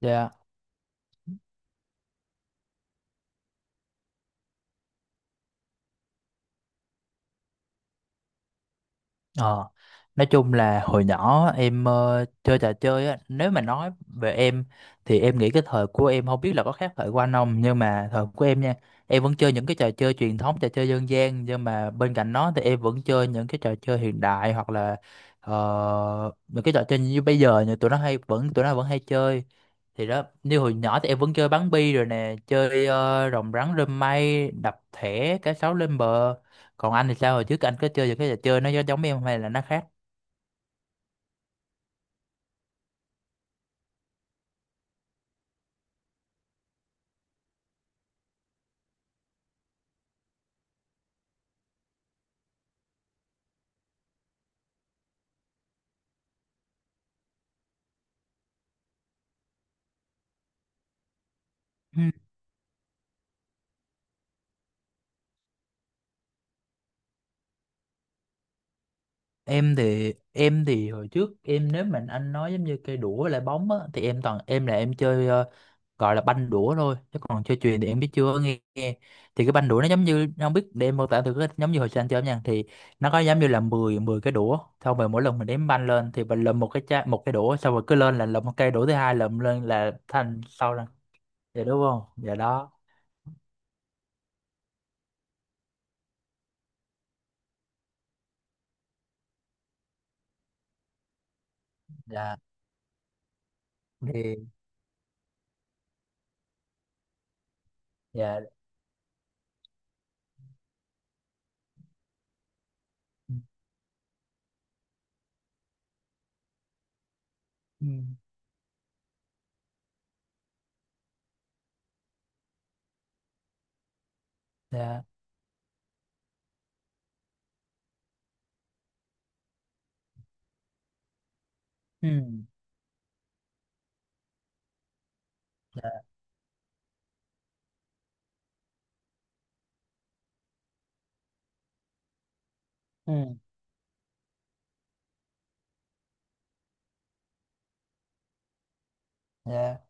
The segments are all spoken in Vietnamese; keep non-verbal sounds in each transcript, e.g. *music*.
Dạ, Ờ, nói chung là hồi nhỏ em chơi trò chơi á, nếu mà nói về em thì em nghĩ cái thời của em không biết là có khác thời của anh không, nhưng mà thời của em nha, em vẫn chơi những cái trò chơi truyền thống, trò chơi dân gian, nhưng mà bên cạnh đó thì em vẫn chơi những cái trò chơi hiện đại hoặc là những cái trò chơi như bây giờ như tụi nó vẫn hay chơi. Thì đó, như hồi nhỏ thì em vẫn chơi bắn bi rồi nè, chơi rồng rắn rơm mây, đập thẻ, cá sấu lên bờ. Còn anh thì sao, hồi trước anh có chơi những cái trò chơi nó giống giống em hay là nó khác? Ừ. Em thì hồi trước em, nếu mà anh nói giống như cây đũa với lại bóng á, thì em toàn em là em chơi gọi là banh đũa thôi, chứ còn chơi chuyền thì em biết chưa nghe, nghe. Thì cái banh đũa nó giống như, nó không biết, để em mô tả thử, cái giống như hồi xưa anh chơi nha, thì nó có giống như là 10 10 cái đũa, xong rồi mỗi lần mình đếm banh lên thì mình lượm một cái chai, một cái đũa, xong rồi cứ lên là lượm một cây đũa, thứ hai lượm lên là thành sau ra. Dạ đúng không, dạ đó. Dạ. Thì dạ. Ừ. Ừ, dạ. Ừ. Dạ. Ừ. Dạ.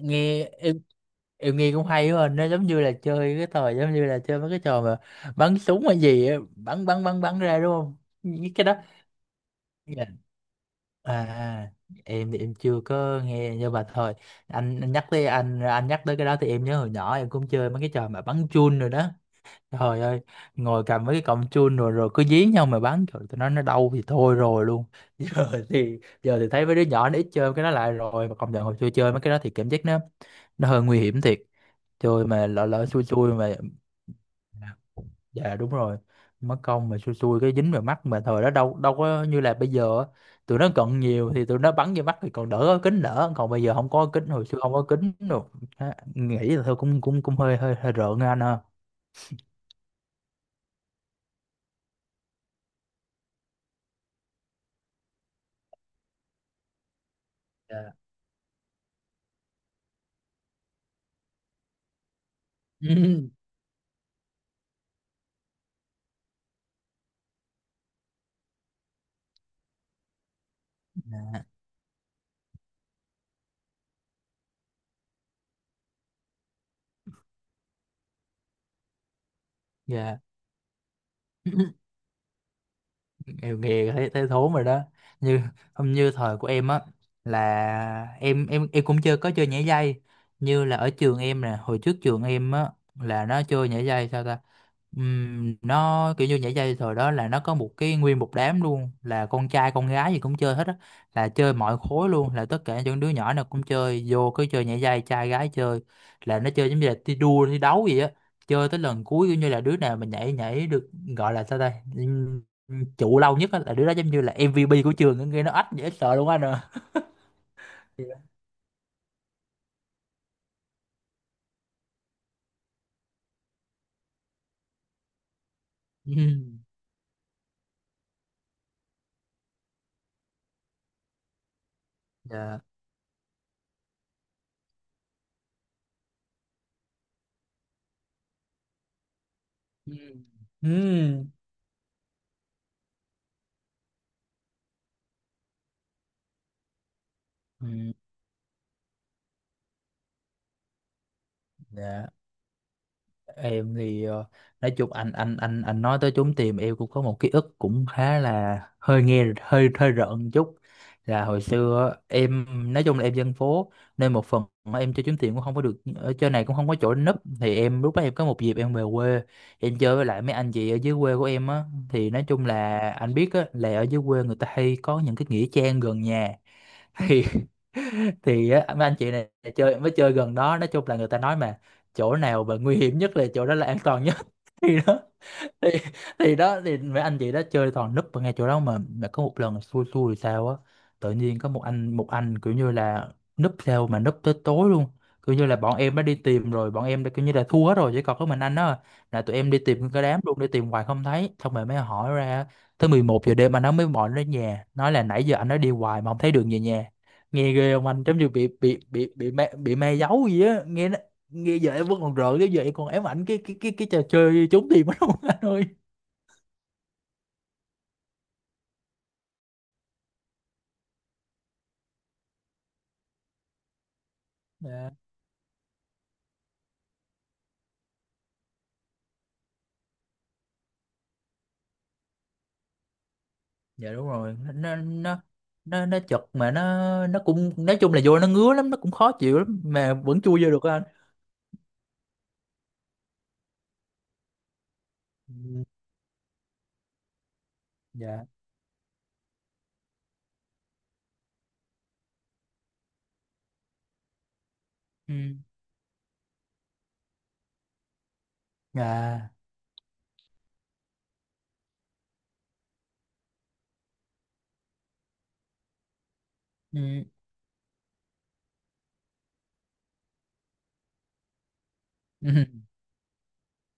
Nghe em nghe cũng hay quá à. Nó giống như là chơi cái thời giống như là chơi mấy cái trò mà bắn súng hay gì á, bắn bắn ra đúng không? Những cái đó. Dạ. À à. Em thì em chưa có nghe, nhưng mà thôi, anh nhắc tới, anh nhắc tới cái đó thì em nhớ hồi nhỏ em cũng chơi mấy cái trò mà bắn chun rồi đó. Trời ơi, ngồi cầm mấy cái cọng chun rồi rồi cứ dí nhau mà bắn, trời tụi nó đau thì thôi rồi luôn. *laughs* Giờ thì thấy mấy đứa nhỏ nó ít chơi cái đó lại rồi, mà công nhận hồi xưa chơi mấy cái đó thì cảm giác nó hơi nguy hiểm thiệt. Chơi mà lỡ lỡ xui xui mà dạ đúng rồi. Mất công mà xui xui cái dính vào mắt, mà thời đó đâu, đâu có như là bây giờ á. Tụi nó cận nhiều thì tụi nó bắn vô mắt thì còn đỡ, có kính đỡ, còn bây giờ không có kính, hồi xưa không có kính rồi. Á, nghĩ là thôi cũng cũng cũng hơi hơi hơi rợn á anh ha. Ừ, dạ. *clears throat* Nghèo nghèo thấy thấy thốn rồi đó. Như không như thời của em á, là em em cũng chơi, có chơi nhảy dây, như là ở trường em nè, hồi trước trường em á là nó chơi nhảy dây sao ta. Nó kiểu như nhảy dây thời đó là nó có một cái, nguyên một đám luôn, là con trai con gái gì cũng chơi hết á, là chơi mọi khối luôn, là tất cả những đứa nhỏ nào cũng chơi vô, cứ chơi nhảy dây trai gái chơi, là nó chơi giống như là thi đua thi đấu gì á, chơi tới lần cuối kiểu như là đứa nào mà nhảy nhảy được, gọi là sao đây, trụ lâu nhất á, là đứa đó giống như là MVP của trường á, nghe nó ách dễ sợ luôn anh nè. Ừ. *laughs* Dạ. Ừ. Ừ. Ừ. Dạ. Em thì nói chung, anh nói tới trốn tìm, em cũng có một ký ức cũng khá là hơi nghe hơi hơi rợn một chút, là hồi xưa á, em nói chung là em dân phố, nên một phần mà em chơi trốn tìm cũng không có được, ở chơi này cũng không có chỗ để núp, thì em, lúc đó em có một dịp em về quê, em chơi với lại mấy anh chị ở dưới quê của em á, thì nói chung là anh biết á, là ở dưới quê người ta hay có những cái nghĩa trang gần nhà. Thì *laughs* thì á, mấy anh chị này chơi, mới chơi gần đó, nói chung là người ta nói mà, chỗ nào mà nguy hiểm nhất là chỗ đó là an toàn nhất. *laughs* Thì đó, thì thì đó, thì mấy anh chị đó chơi toàn núp ở ngay chỗ đó. Mà có một lần xui xui thì sao á, tự nhiên có một anh, kiểu như là núp theo mà núp tới tối luôn, kiểu như là bọn em đã đi tìm rồi, bọn em đã kiểu như là thua hết rồi, chỉ còn có mình anh đó à. Là tụi em đi tìm cái đám luôn, đi tìm hoài không thấy, xong rồi mới hỏi ra, tới 11 giờ đêm anh nó mới gọi đến nhà, nói là nãy giờ anh nó đi hoài mà không thấy đường về nhà. Nghe ghê không anh, giống như bị ma, bị ma giấu gì á nghe. Nghe giờ em vẫn còn rợn, nếu giờ em còn ám ảnh cái trò chơi trốn tìm đó luôn. *laughs* Anh ơi. Dạ. Dạ đúng rồi, nó nó chật, mà nó cũng, nói chung là vô nó ngứa lắm, nó cũng khó chịu lắm, mà vẫn chui vô được á anh. Ừ, dạ. Ừ. À. Ừ. Ừ.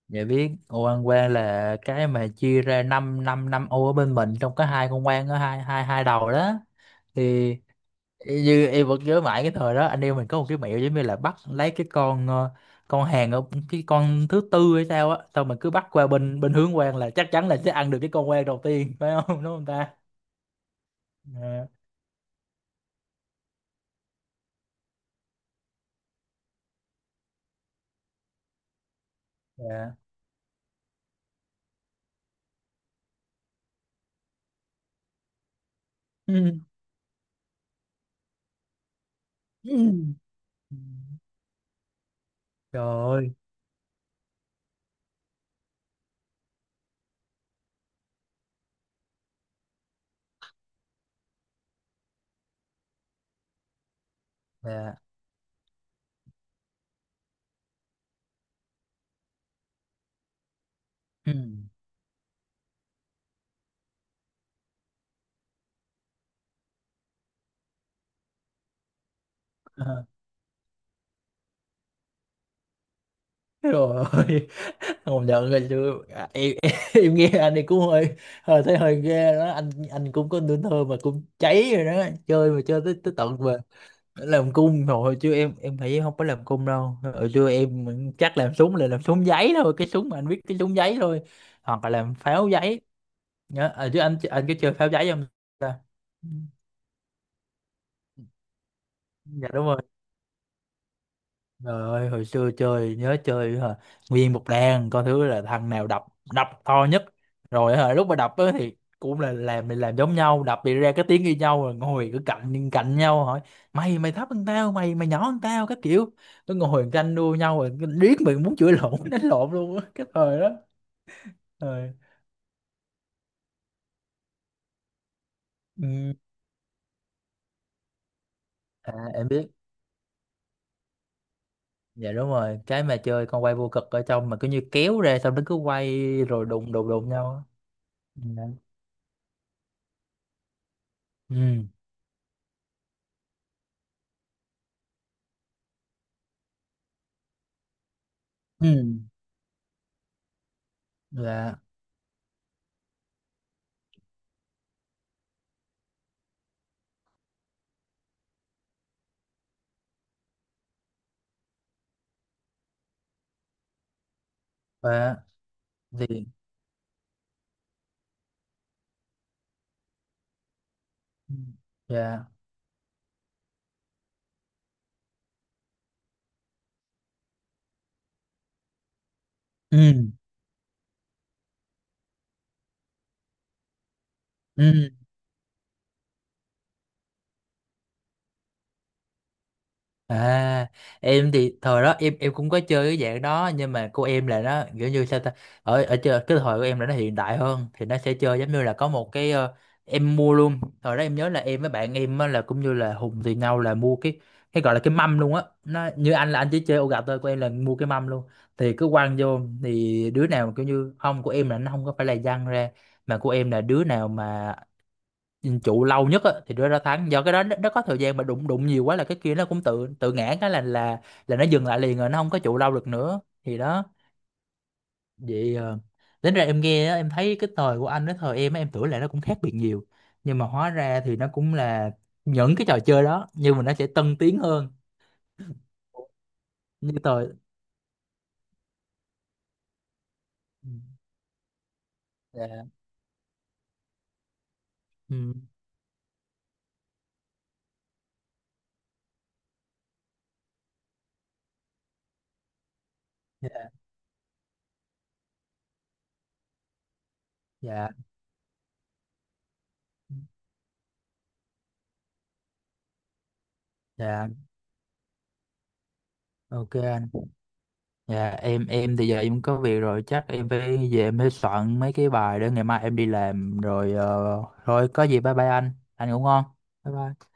Dạ biết ô ăn quan là cái mà chia ra năm năm năm ô ở bên mình, trong có hai con quan ở hai hai hai đầu đó. Thì Y- như em vẫn nhớ mãi cái thời đó, anh em mình có một cái mẹo giống như là bắt lấy cái con con hàng ở cái con thứ tư hay sao á, xong mình cứ bắt qua bên bên hướng quang là chắc chắn là sẽ ăn được cái con quang đầu tiên. *laughs* Phải không, đúng không ta? Dạ. Dạ. *laughs* Ừ. Ừ. Trời ơi. Dạ. Ừ. Trời. *laughs* Không nhận rồi chứ à, em, *laughs* em nghe anh ấy cũng hơi, hơi thấy hơi ghê đó anh. Anh cũng có tuổi thơ mà cũng cháy rồi đó, chơi mà chơi tới tới tận về làm cung rồi chứ. Em thấy em không có làm cung đâu, hồi xưa em chắc làm súng là làm súng giấy thôi, cái súng mà anh biết, cái súng giấy thôi, hoặc là làm pháo giấy. Nhớ à, chứ anh có chơi pháo giấy không ta? Ừ. Dạ đúng rồi. Trời ơi, hồi xưa chơi, nhớ chơi hả? Nguyên một đàn coi thứ là thằng nào đập, đập to nhất, rồi hả lúc mà đập á, thì cũng là làm mình làm giống nhau, đập bị ra cái tiếng như nhau, rồi ngồi cứ cạnh cạnh nhau hỏi mày mày thấp hơn tao, mày mày nhỏ hơn tao các kiểu, cứ ngồi tranh đua nhau, rồi cứ riết mình muốn chửi lộn *laughs* đánh lộn luôn á cái thời đó. Rồi. Ừ. À em biết. Dạ đúng rồi, cái mà chơi con quay vô cực, ở trong mà cứ như kéo ra xong nó cứ quay rồi đụng đụng đụng nhau á. Dạ. Ừ. Ừ. Dạ. Và. Gì. Ừ, dạ. Ừ. Ừ. À em thì thời đó em cũng có chơi cái dạng đó, nhưng mà của em là nó kiểu như sao ta, ở ở chơi cái thời của em là nó hiện đại hơn, thì nó sẽ chơi giống như là có một cái em mua luôn, thời đó em nhớ là em với bạn em á, là cũng như là Hùng thì nhau là mua cái gọi là cái mâm luôn á, nó như anh là anh chỉ chơi ô gà thôi, của em là mua cái mâm luôn. Thì cứ quăng vô thì đứa nào kiểu như không, của em là nó không có phải là văng ra, mà của em là đứa nào mà nhìn trụ lâu nhất á thì đưa ra thắng, do cái đó nó có thời gian mà đụng đụng nhiều quá là cái kia nó cũng tự tự ngã cái là là nó dừng lại liền rồi, nó không có trụ lâu được nữa, thì đó. Vậy đến ra em nghe á, em thấy cái thời của anh với thời em á, em tưởng là nó cũng khác biệt nhiều, nhưng mà hóa ra thì nó cũng là những cái trò chơi đó, nhưng mà nó sẽ tân tiến hơn. Như thời. Ừ, dạ. Ừ, dạ. Dạ. Ừ, dạ. Ok anh. Dạ em thì giờ em có việc rồi, chắc em phải về, em phải soạn mấy cái bài để ngày mai em đi làm rồi. Ờ, Thôi có gì bye bye anh ngủ ngon. Bye bye.